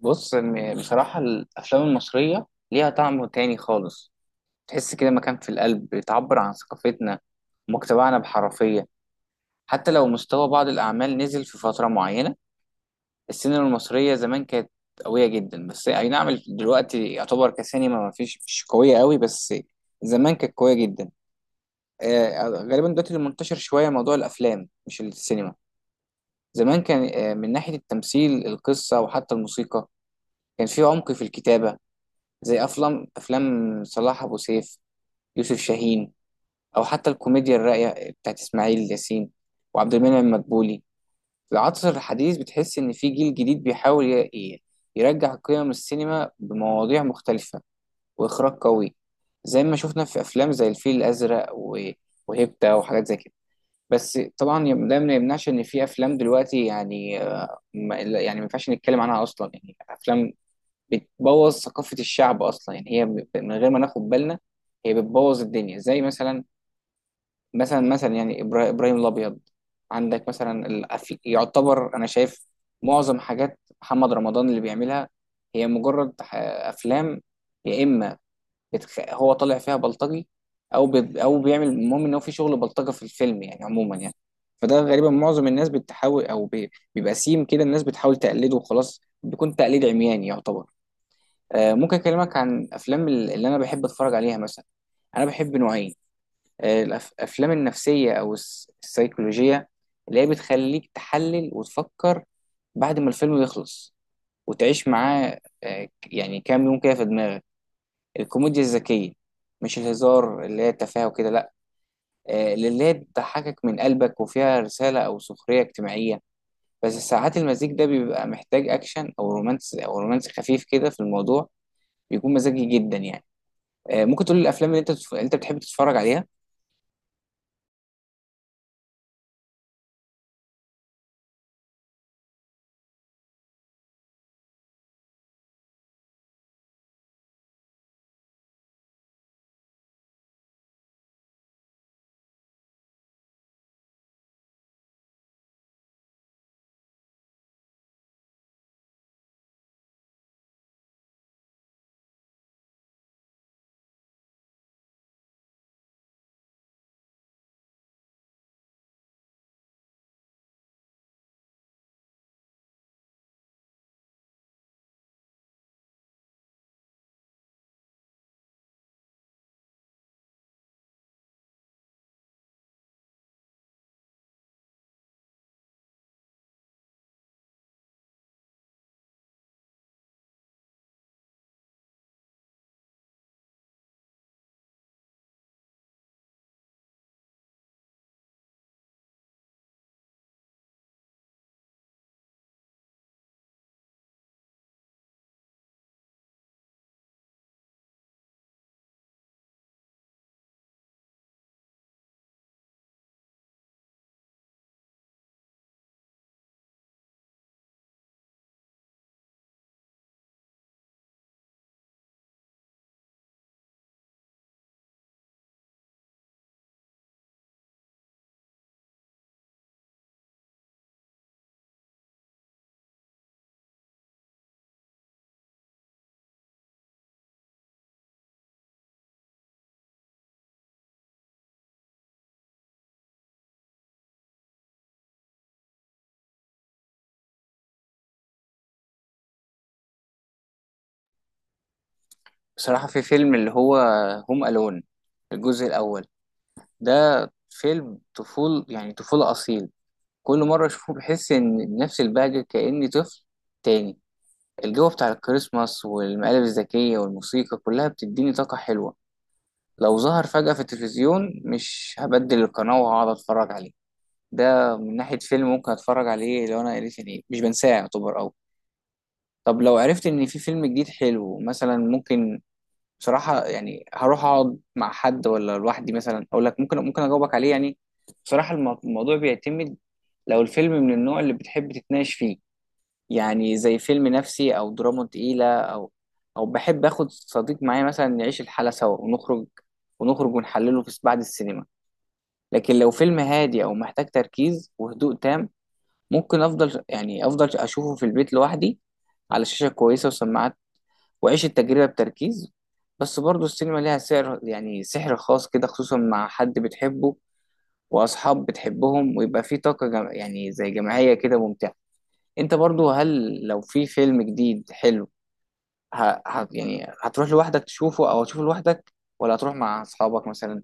بص بصراحة، الأفلام المصرية ليها طعم تاني خالص. تحس كده مكان في القلب، بتعبر عن ثقافتنا ومجتمعنا بحرفية، حتى لو مستوى بعض الأعمال نزل في فترة معينة. السينما المصرية زمان كانت قوية جدا، بس أي نعم دلوقتي يعتبر كسينما ما فيش، مش قوية قوي، بس زمان كانت قوية جدا. غالبا دلوقتي اللي منتشر شوية موضوع الأفلام مش السينما. زمان كان، من ناحية التمثيل، القصة، وحتى الموسيقى، كان في عمق في الكتابة، زي افلام صلاح ابو سيف، يوسف شاهين، او حتى الكوميديا الراقيه بتاعت اسماعيل ياسين وعبد المنعم مدبولي. في العصر الحديث بتحس ان في جيل جديد بيحاول يرجع قيم السينما بمواضيع مختلفه واخراج قوي، زي ما شفنا في افلام زي الفيل الازرق وهيبتا وحاجات زي كده. بس طبعا، ده ما يمنعش ان في افلام دلوقتي يعني، يعني ما ينفعش نتكلم عنها اصلا، يعني افلام بتبوظ ثقافة الشعب أصلا، يعني هي من غير ما ناخد بالنا هي بتبوظ الدنيا، زي مثلا، مثلا يعني إبراهيم الأبيض. عندك مثلا، يعتبر أنا شايف معظم حاجات محمد رمضان اللي بيعملها هي مجرد أفلام، يا إما هو طالع فيها بلطجي، أو بيعمل، المهم إن هو في شغل بلطجة في الفيلم يعني، عموما يعني. فده غالبا معظم الناس بتحاول، بيبقى سيم كده، الناس بتحاول تقلده وخلاص، بيكون تقليد عمياني يعتبر. ممكن اكلمك عن افلام اللي انا بحب اتفرج عليها مثلا. انا بحب نوعين، الافلام النفسيه او السيكولوجيه، اللي هي بتخليك تحلل وتفكر بعد ما الفيلم يخلص وتعيش معاه، يعني كام يوم كده في دماغك. الكوميديا الذكيه، مش الهزار اللي هي التفاهه وكده، لا، اللي هي بتضحكك من قلبك وفيها رساله او سخريه اجتماعيه. بس ساعات المزيج ده بيبقى محتاج اكشن او رومانس، او رومانس خفيف كده في الموضوع، بيكون مزاجي جدا يعني. ممكن تقول لي الافلام اللي انت بتحب تتفرج عليها؟ بصراحه في فيلم اللي هو هوم الون، الجزء الاول، ده فيلم يعني طفوله اصيل. كل مره اشوفه بحس ان نفس البهجه، كاني طفل تاني. الجو بتاع الكريسماس والمقالب الذكيه والموسيقى كلها بتديني طاقه حلوه. لو ظهر فجاه في التلفزيون مش هبدل القناه، وهقعد اتفرج عليه. ده من ناحيه فيلم ممكن اتفرج عليه لو انا قريت، يعني مش بنساه يعتبر أوي. طب لو عرفت ان في فيلم جديد حلو مثلا ممكن، بصراحة يعني هروح أقعد مع حد ولا لوحدي مثلا، أقول لك ممكن، أجاوبك عليه يعني. بصراحة الموضوع بيعتمد، لو الفيلم من النوع اللي بتحب تتناقش فيه، يعني زي فيلم نفسي أو دراما تقيلة، أو، أو بحب آخد صديق معايا مثلا نعيش الحالة سوا ونخرج، ونحلله في بعد السينما. لكن لو فيلم هادي أو محتاج تركيز وهدوء تام، ممكن أفضل، يعني أفضل أشوفه في البيت لوحدي، على شاشة كويسة وسماعات، وعيش التجربة بتركيز. بس برضه السينما ليها سحر، يعني سحر خاص كده، خصوصا مع حد بتحبه وأصحاب بتحبهم، ويبقى في طاقة يعني زي جماعية كده ممتعة. أنت برضه، هل لو في فيلم جديد حلو، يعني هتروح لوحدك تشوفه، أو هتشوفه لوحدك ولا هتروح مع أصحابك مثلا؟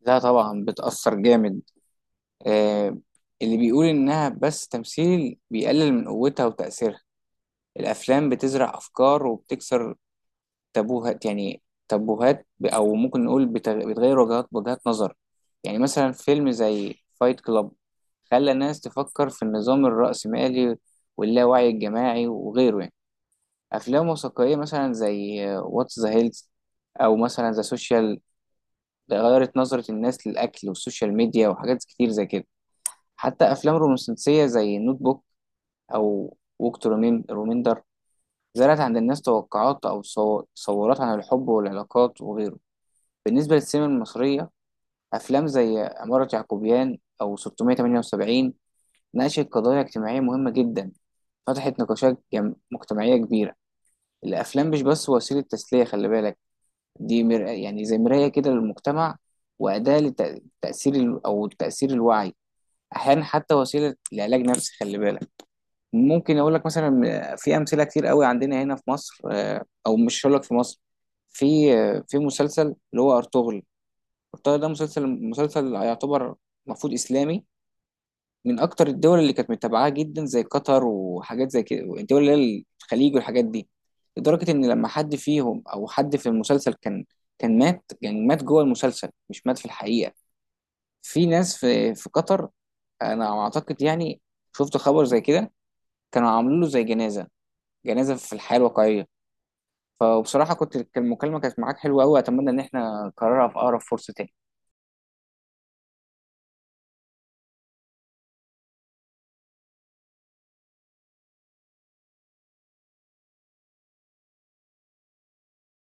لا طبعا بتأثر جامد. آه... اللي بيقول إنها بس تمثيل بيقلل من قوتها وتأثيرها. الأفلام بتزرع أفكار وبتكسر تابوهات يعني، تابوهات او ممكن نقول بتغير وجهات نظر. يعني مثلا فيلم زي فايت كلاب خلى الناس تفكر في النظام الرأسمالي واللاوعي الجماعي وغيره يعني. افلام وثائقية مثلا زي واتس ذا هيلز، او مثلا ذا سوشيال، غيرت نظرة الناس للاكل والسوشيال ميديا وحاجات كتير زي كده. حتى افلام رومانسية زي نوت بوك، او ووك تو ريميندر، زرعت عند الناس توقعات او تصورات عن الحب والعلاقات وغيره. بالنسبة للسينما المصرية، أفلام زي عمارة يعقوبيان أو 678 ناقشت قضايا اجتماعية مهمة جدا، فتحت نقاشات مجتمعية كبيرة. الأفلام مش بس وسيلة تسلية، خلي بالك، دي يعني زي مراية كده للمجتمع، وأداة لتأثير أو تأثير الوعي، أحيانا حتى وسيلة لعلاج نفسي، خلي بالك. ممكن أقول لك مثلا، في أمثلة كتير قوي عندنا هنا في مصر، أو مش هقول لك في مصر، في، في مسلسل اللي هو أرطغرل الطاهر، ده مسلسل يعتبر، المفروض اسلامي. من اكتر الدول اللي كانت متابعاه جدا زي قطر وحاجات زي كده، الدول اللي هي الخليج والحاجات دي. لدرجه ان لما حد فيهم او حد في المسلسل كان مات، يعني مات جوه المسلسل مش مات في الحقيقه. في ناس في قطر، انا اعتقد يعني، شفت خبر زي كده، كانوا عاملين له زي جنازه، جنازه في الحياه الواقعيه. فبصراحه كنت، المكالمه كانت معاك حلوه قوي، اتمنى ان احنا نكررها في اقرب فرصه تاني.